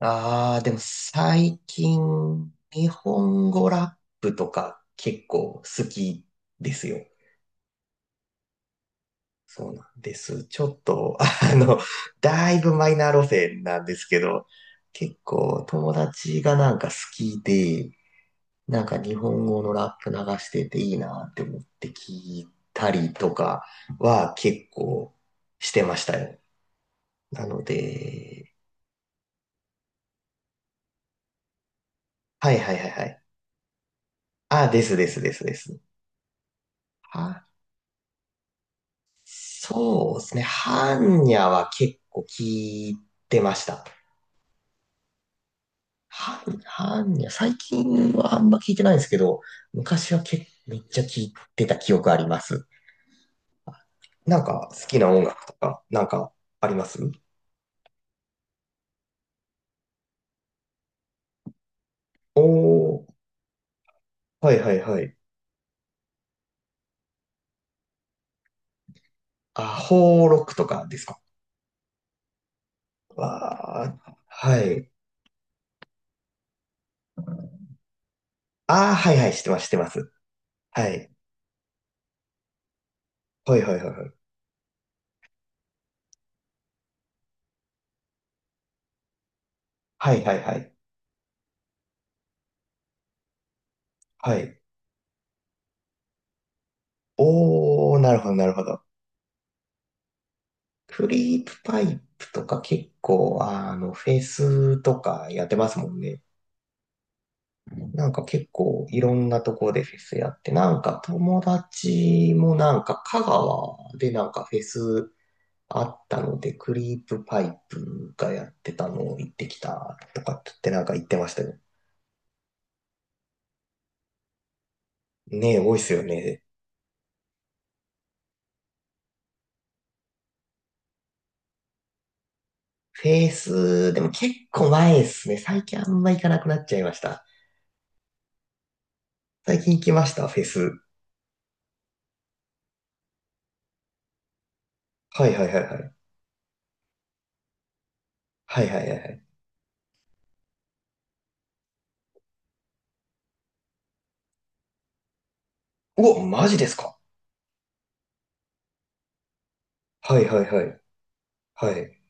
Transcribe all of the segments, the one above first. ああ、でも最近、日本語ラップとか結構好きですよ。そうなんです。ちょっと、だいぶマイナー路線なんですけど、結構友達がなんか好きで、なんか日本語のラップ流してていいなって思って聞いたりとかは結構してましたよ。なので、はいはいはいはい。あ、ですですですです。はそうですね。ハンニャは結構聞いてました。般般若、最近はあんま聞いてないんですけど、昔は結めっちゃ聞いてた記憶あります。なんか好きな音楽とか、なんかあります？おー、はいはいはい。あ、ホーロックとかですか？わー、はい。あー、はいはい、知ってます、知ってます。はい。はいはいはいはい。はいはいはい。はい。おー、なるほど、なるほど。クリープパイプとか結構、フェスとかやってますもんね。なんか結構いろんなとこでフェスやって、なんか友達もなんか香川でなんかフェスあったので、クリープパイプがやってたのを行ってきたとかって言ってなんか言ってましたよ。ねえ、多いっすよね。フェイス、でも結構前ですね。最近あんま行かなくなっちゃいました。最近行きました、フェス。はいはいはいはい。はいはいはいはい。うお、マジですか？はいはいはい。はい。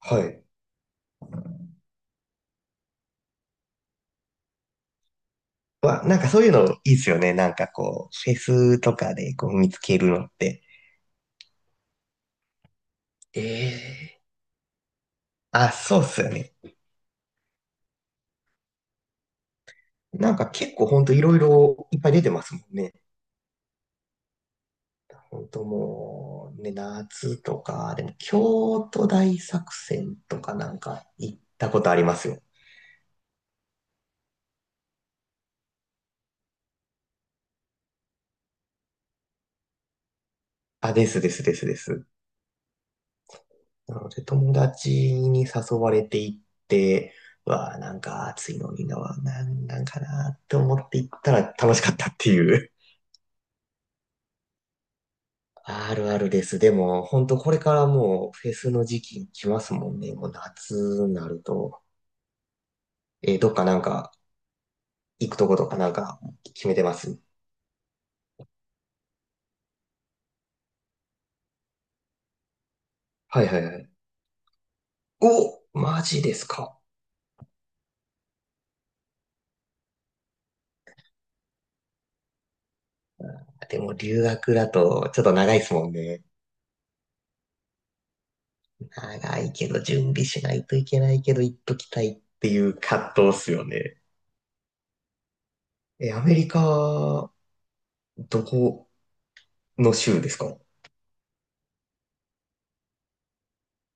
はい。まあ、なんかそういうのいいっすよね。なんかこう、フェスとかでこう見つけるのって。ええ、あ、そうっすよね。なんか結構ほんといろいろいっぱい出てますもんね。ほんともう、ね、夏とか、でも京都大作戦とかなんか行ったことありますよ。あ、ですですですです。なので、友達に誘われていって、うわあ、なんか暑いのにな、なんなんかなって思って行ったら楽しかったっていう。あるあるです。でも、本当これからもうフェスの時期来ますもんね。もう夏になると。どっかなんか行くとことかなんか決めてます？はいはいはい。お、マジですか。でも留学だとちょっと長いですもんね。長いけど準備しないといけないけど行っときたいっていう葛藤っすよね。え、アメリカ、どこの州ですか？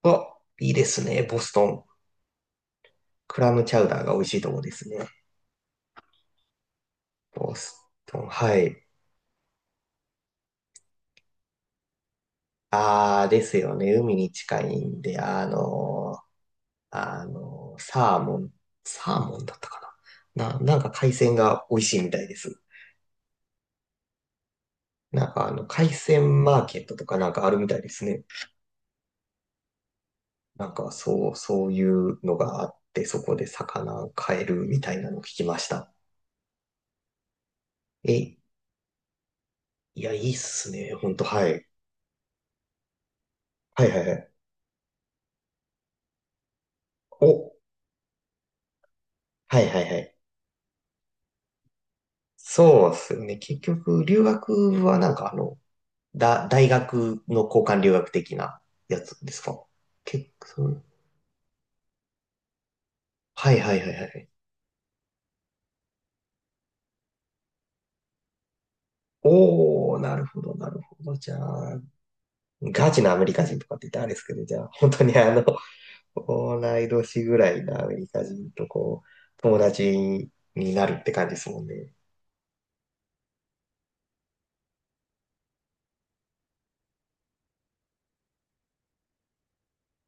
あ、いいですね、ボストン。クラムチャウダーが美味しいとこですね。ボストン、はい。あーですよね、海に近いんで、サーモン、サーモンだったかな。なんか海鮮が美味しいみたいです。なんか海鮮マーケットとかなんかあるみたいですね。なんかそう、そういうのがあって、そこで魚買えるみたいなのを聞きました。え、いや、いいっすね。ほんと、はい。はいはいはい。お、はいはいはい。そうっすよね。結局、留学はなんか大学の交換留学的なやつですか？結構、はいはいはいはい。おー、なるほど、なるほど。じゃあ、ガチなアメリカ人とかって言ったらあれですけど、じゃあ、本当に同い年ぐらいのアメリカ人とこう、友達になるって感じですもんね。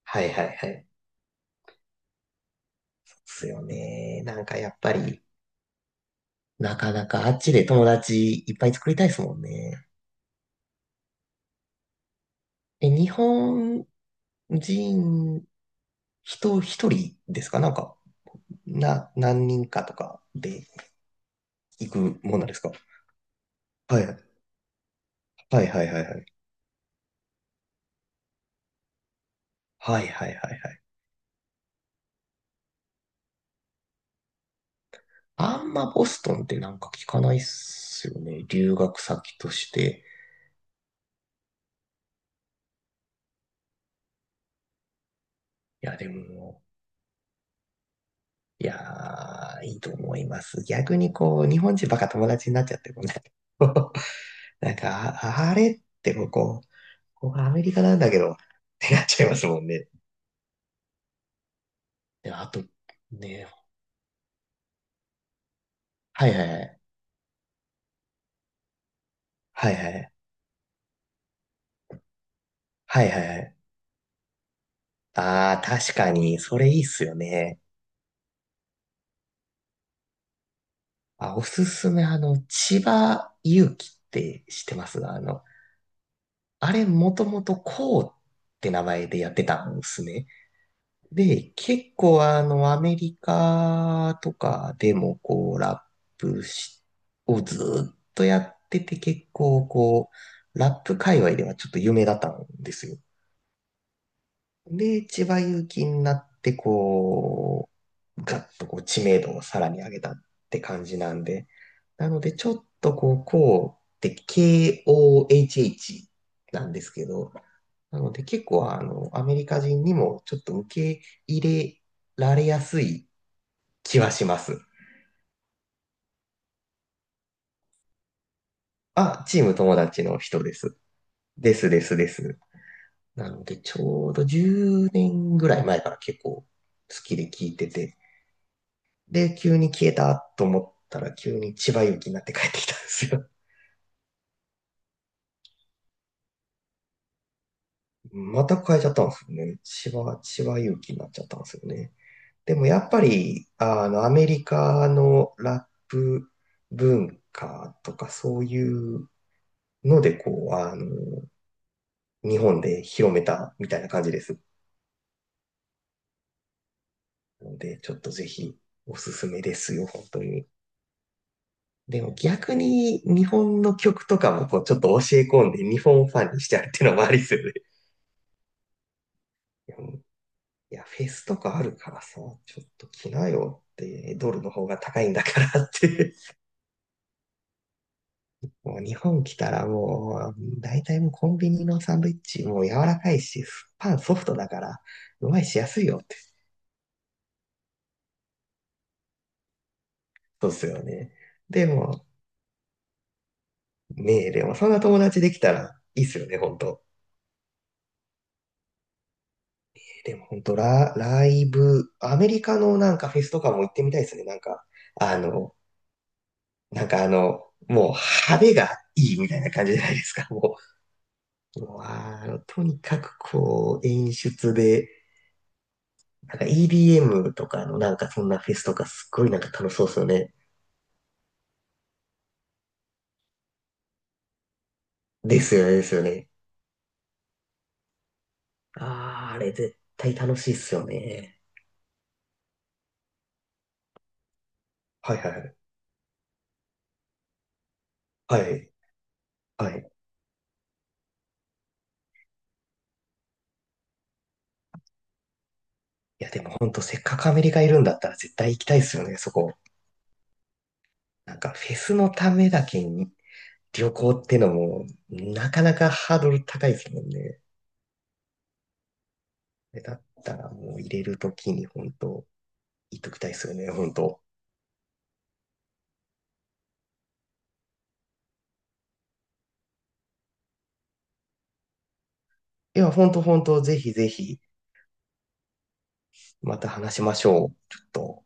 はいはいはい。そうですよね。なんかやっぱり、なかなかあっちで友達いっぱい作りたいですもんね。え、日本人、人一人ですか？なんか、何人かとかで行くもんなんですか？はい。はいはいはいはい。はいはいはいはい。あんまボストンってなんか聞かないっすよね。留学先として。いや、でも、いやー、いいと思います。逆にこう、日本人ばっか友達になっちゃってもね。なんか、あれってこう、ここがアメリカなんだけど、ってなっちゃいますもんね。であと、ね、はいはいはい。はいはい。はいはいはい。ああ、確かに、それいいっすよね。あ、おすすめ、千葉祐希って知ってます？あの、あれ、もともとこうって名前でやってたんですね。で、結構アメリカとかでもこう、ラップしをずーっとやってて結構こう、ラップ界隈ではちょっと有名だったんですよ。で、千葉祐希になって、こう、ガッとこう知名度をさらに上げたって感じなんで、なので、ちょっとこう、こうって KOHH なんですけど、なので結構アメリカ人にもちょっと受け入れられやすい気はします。あ、チーム友達の人です。ですですです。なので、ちょうど10年ぐらい前から結構好きで聞いてて、で、急に消えたと思ったら、急に千葉勇気になって帰ってきたんですよ。また変えちゃったんですよね。千葉勇気になっちゃったんですよね。でもやっぱり、アメリカのラップ文化とかそういうので、こう、日本で広めたみたいな感じです。ので、ちょっとぜひおすすめですよ、本当に。でも逆に日本の曲とかもこうちょっと教え込んで日本ファンにしちゃうっていうのもありですよね。いや、フェスとかあるからさ、ちょっと着なよって、ドルの方が高いんだから って。もう日本来たらもう、大体もうコンビニのサンドイッチ、もう柔らかいし、パンソフトだから、うまいしやすいよって。そうっすよね。でも、ねえ、でもそんな友達できたらいいっすよね、ほんと。でもほんと、ライブ、アメリカのなんかフェスとかも行ってみたいですね。なんか、あの、なんかあの、もう派手がいいみたいな感じじゃないですか。もうとにかくこう、演出で、なんか EDM とかのなんかそんなフェスとかすっごいなんか楽しそうですよね。ですよね、ですよね。ああ、あれ絶対楽しいっすよね。はいはい。はい。はい。いやでもほんとせっかくアメリカいるんだったら絶対行きたいっすよね、そこ。なんかフェスのためだけに旅行ってのもなかなかハードル高いですもんね。だったらもう入れるときに本当言っときたいっすよね、本当。いやほんとほんと、本当本当ぜひぜひ。また話しましょう。ちょっと。